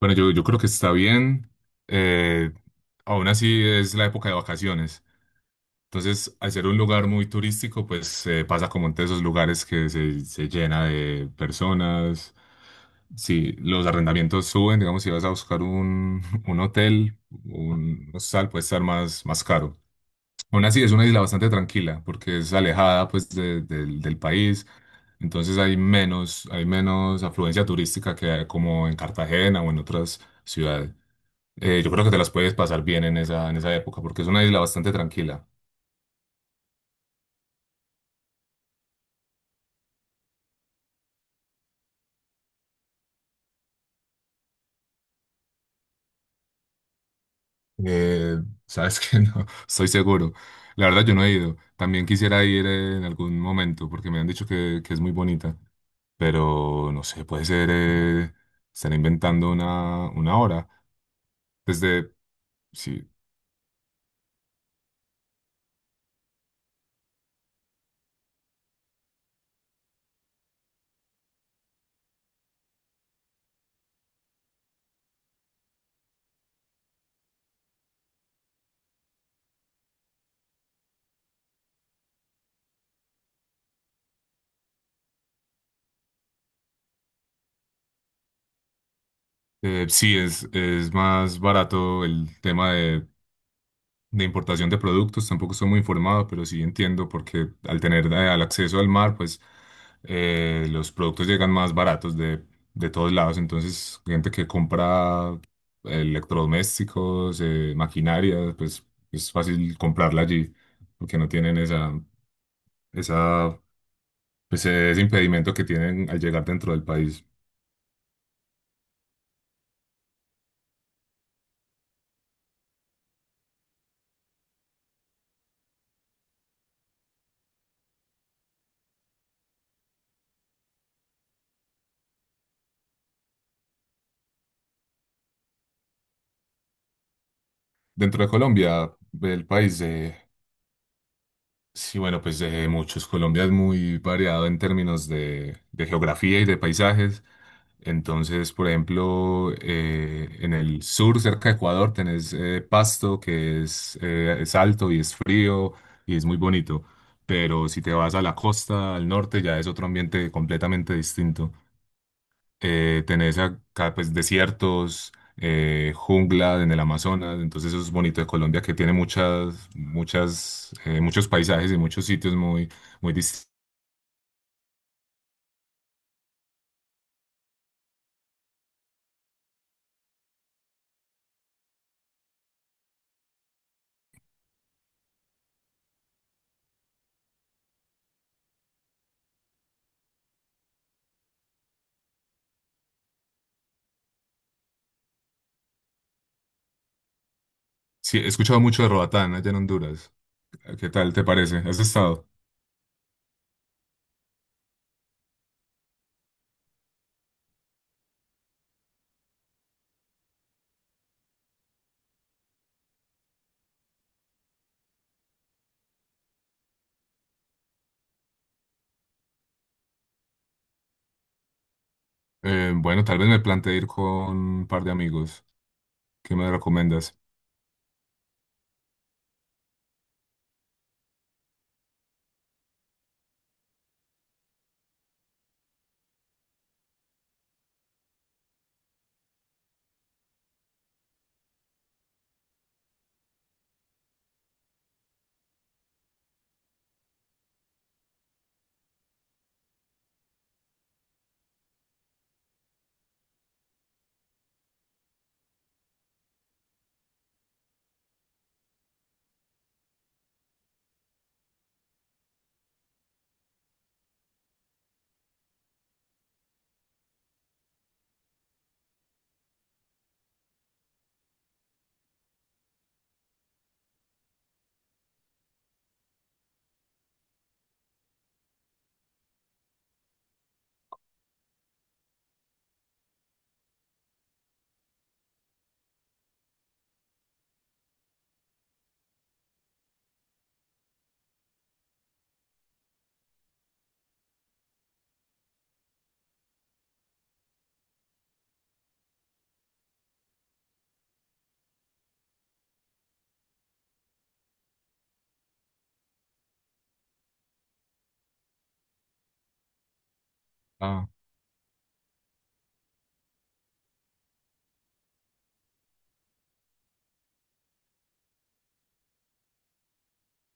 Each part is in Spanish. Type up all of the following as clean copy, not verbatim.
Bueno, yo creo que está bien. eh, Aún así es la época de vacaciones. Entonces, al ser un lugar muy turístico, pues pasa como entre esos lugares que se llena de personas. Si los arrendamientos suben, digamos, si vas a buscar un, un hotel, un hostal puede estar más, más caro. Aún así es una isla bastante tranquila porque es alejada pues del país. Entonces hay menos afluencia turística que como en Cartagena o en otras ciudades. Yo creo que te las puedes pasar bien en esa época, porque es una isla bastante tranquila. Eh, sabes que no, estoy seguro. La verdad, yo no he ido. También quisiera ir en algún momento, porque me han dicho que es muy bonita, pero no sé, puede ser, están inventando una hora. Desde, sí, sí, es más barato el tema de importación de productos, tampoco estoy muy informado, pero sí entiendo porque al tener el acceso al mar, pues los productos llegan más baratos de todos lados. Entonces, gente que compra electrodomésticos, maquinaria, pues es fácil comprarla allí porque no tienen esa, esa, pues, ese impedimento que tienen al llegar dentro del país. Dentro de Colombia, el país, sí, bueno, pues de muchos. Colombia es muy variado en términos de geografía y de paisajes. Entonces, por ejemplo, en el sur, cerca de Ecuador, tenés Pasto, que es alto y es frío y es muy bonito. Pero si te vas a la costa, al norte, ya es otro ambiente completamente distinto, tenés acá pues desiertos, jungla en el Amazonas, entonces eso es bonito de Colombia, que tiene muchas, muchas, muchos paisajes y muchos sitios muy, muy distintos. Sí, he escuchado mucho de Roatán allá en Honduras. ¿Qué tal te parece? ¿Has estado? Bueno, tal vez me planteé ir con un par de amigos. ¿Qué me recomiendas? Ah,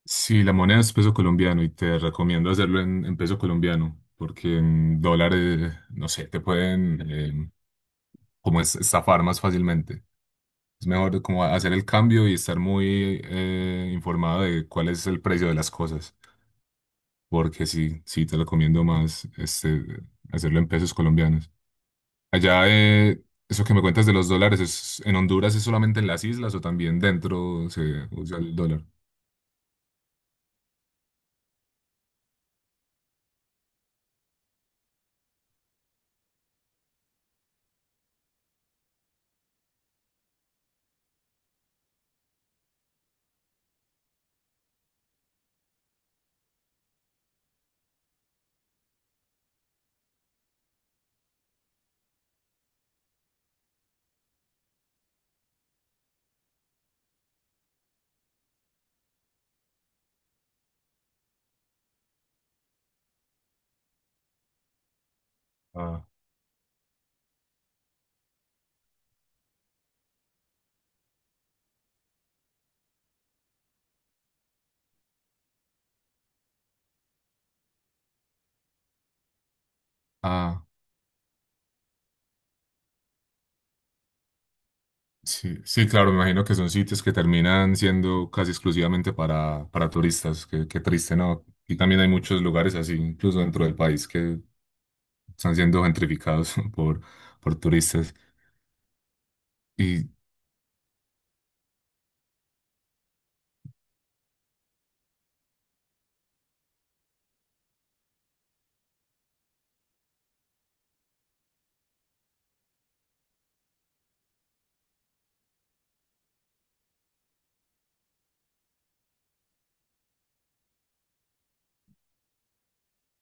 sí, la moneda es peso colombiano y te recomiendo hacerlo en peso colombiano, porque en dólares, no sé, te pueden como estafar más fácilmente. Es mejor como hacer el cambio y estar muy informado de cuál es el precio de las cosas, porque sí, sí te recomiendo más este, hacerlo en pesos colombianos. Allá, eso que me cuentas de los dólares, es, ¿en Honduras es solamente en las islas o también dentro se usa el dólar? Ah, ah, sí, sí, claro, me imagino que son sitios que terminan siendo casi exclusivamente para turistas. Qué, qué triste, ¿no? Y también hay muchos lugares así, incluso dentro del país, que están siendo gentrificados por turistas. Y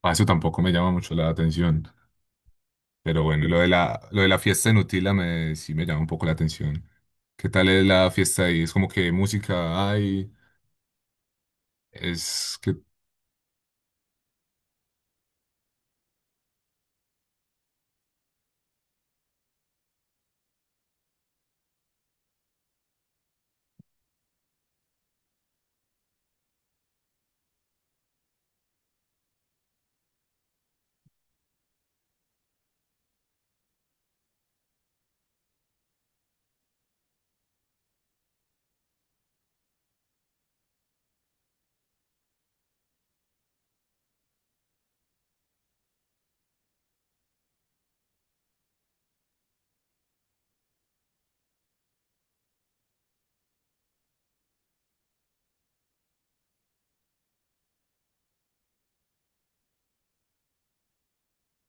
a eso tampoco me llama mucho la atención. Pero bueno, lo de la fiesta en Utila me, sí me llama un poco la atención. ¿Qué tal es la fiesta ahí? Es como que música hay, es que...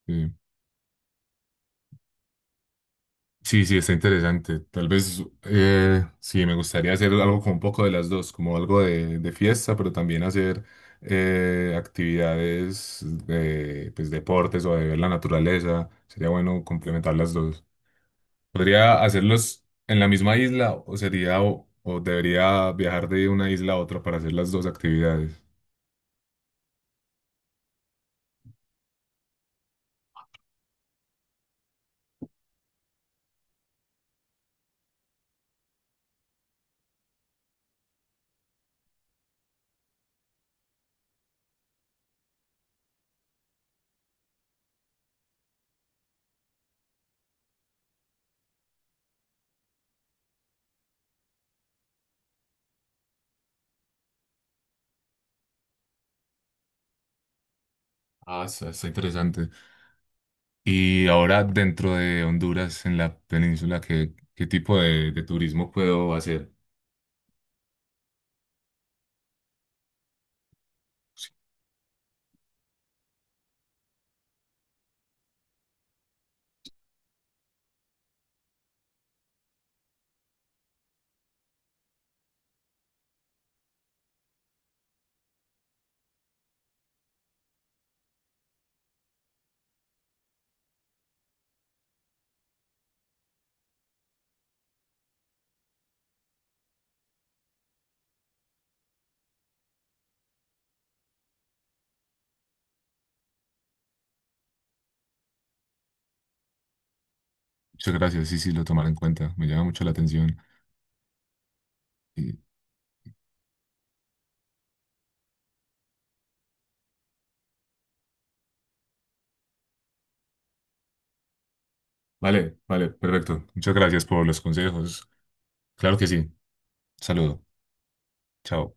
eh, sí, sí, está interesante. Tal vez, sí, me gustaría hacer algo con un poco de las dos, como algo de fiesta, pero también hacer actividades de pues, deportes o de ver la naturaleza. Sería bueno complementar las dos. ¿Podría hacerlos en la misma isla o sería o debería viajar de una isla a otra para hacer las dos actividades? Ah, está, está interesante. Y ahora dentro de Honduras, en la península, ¿qué, qué tipo de turismo puedo hacer? Muchas gracias, sí, sí, lo tomaré en cuenta. Me llama mucho la atención. Y- vale, vale, perfecto. Muchas gracias por los consejos. Claro que sí. Saludo. Chao.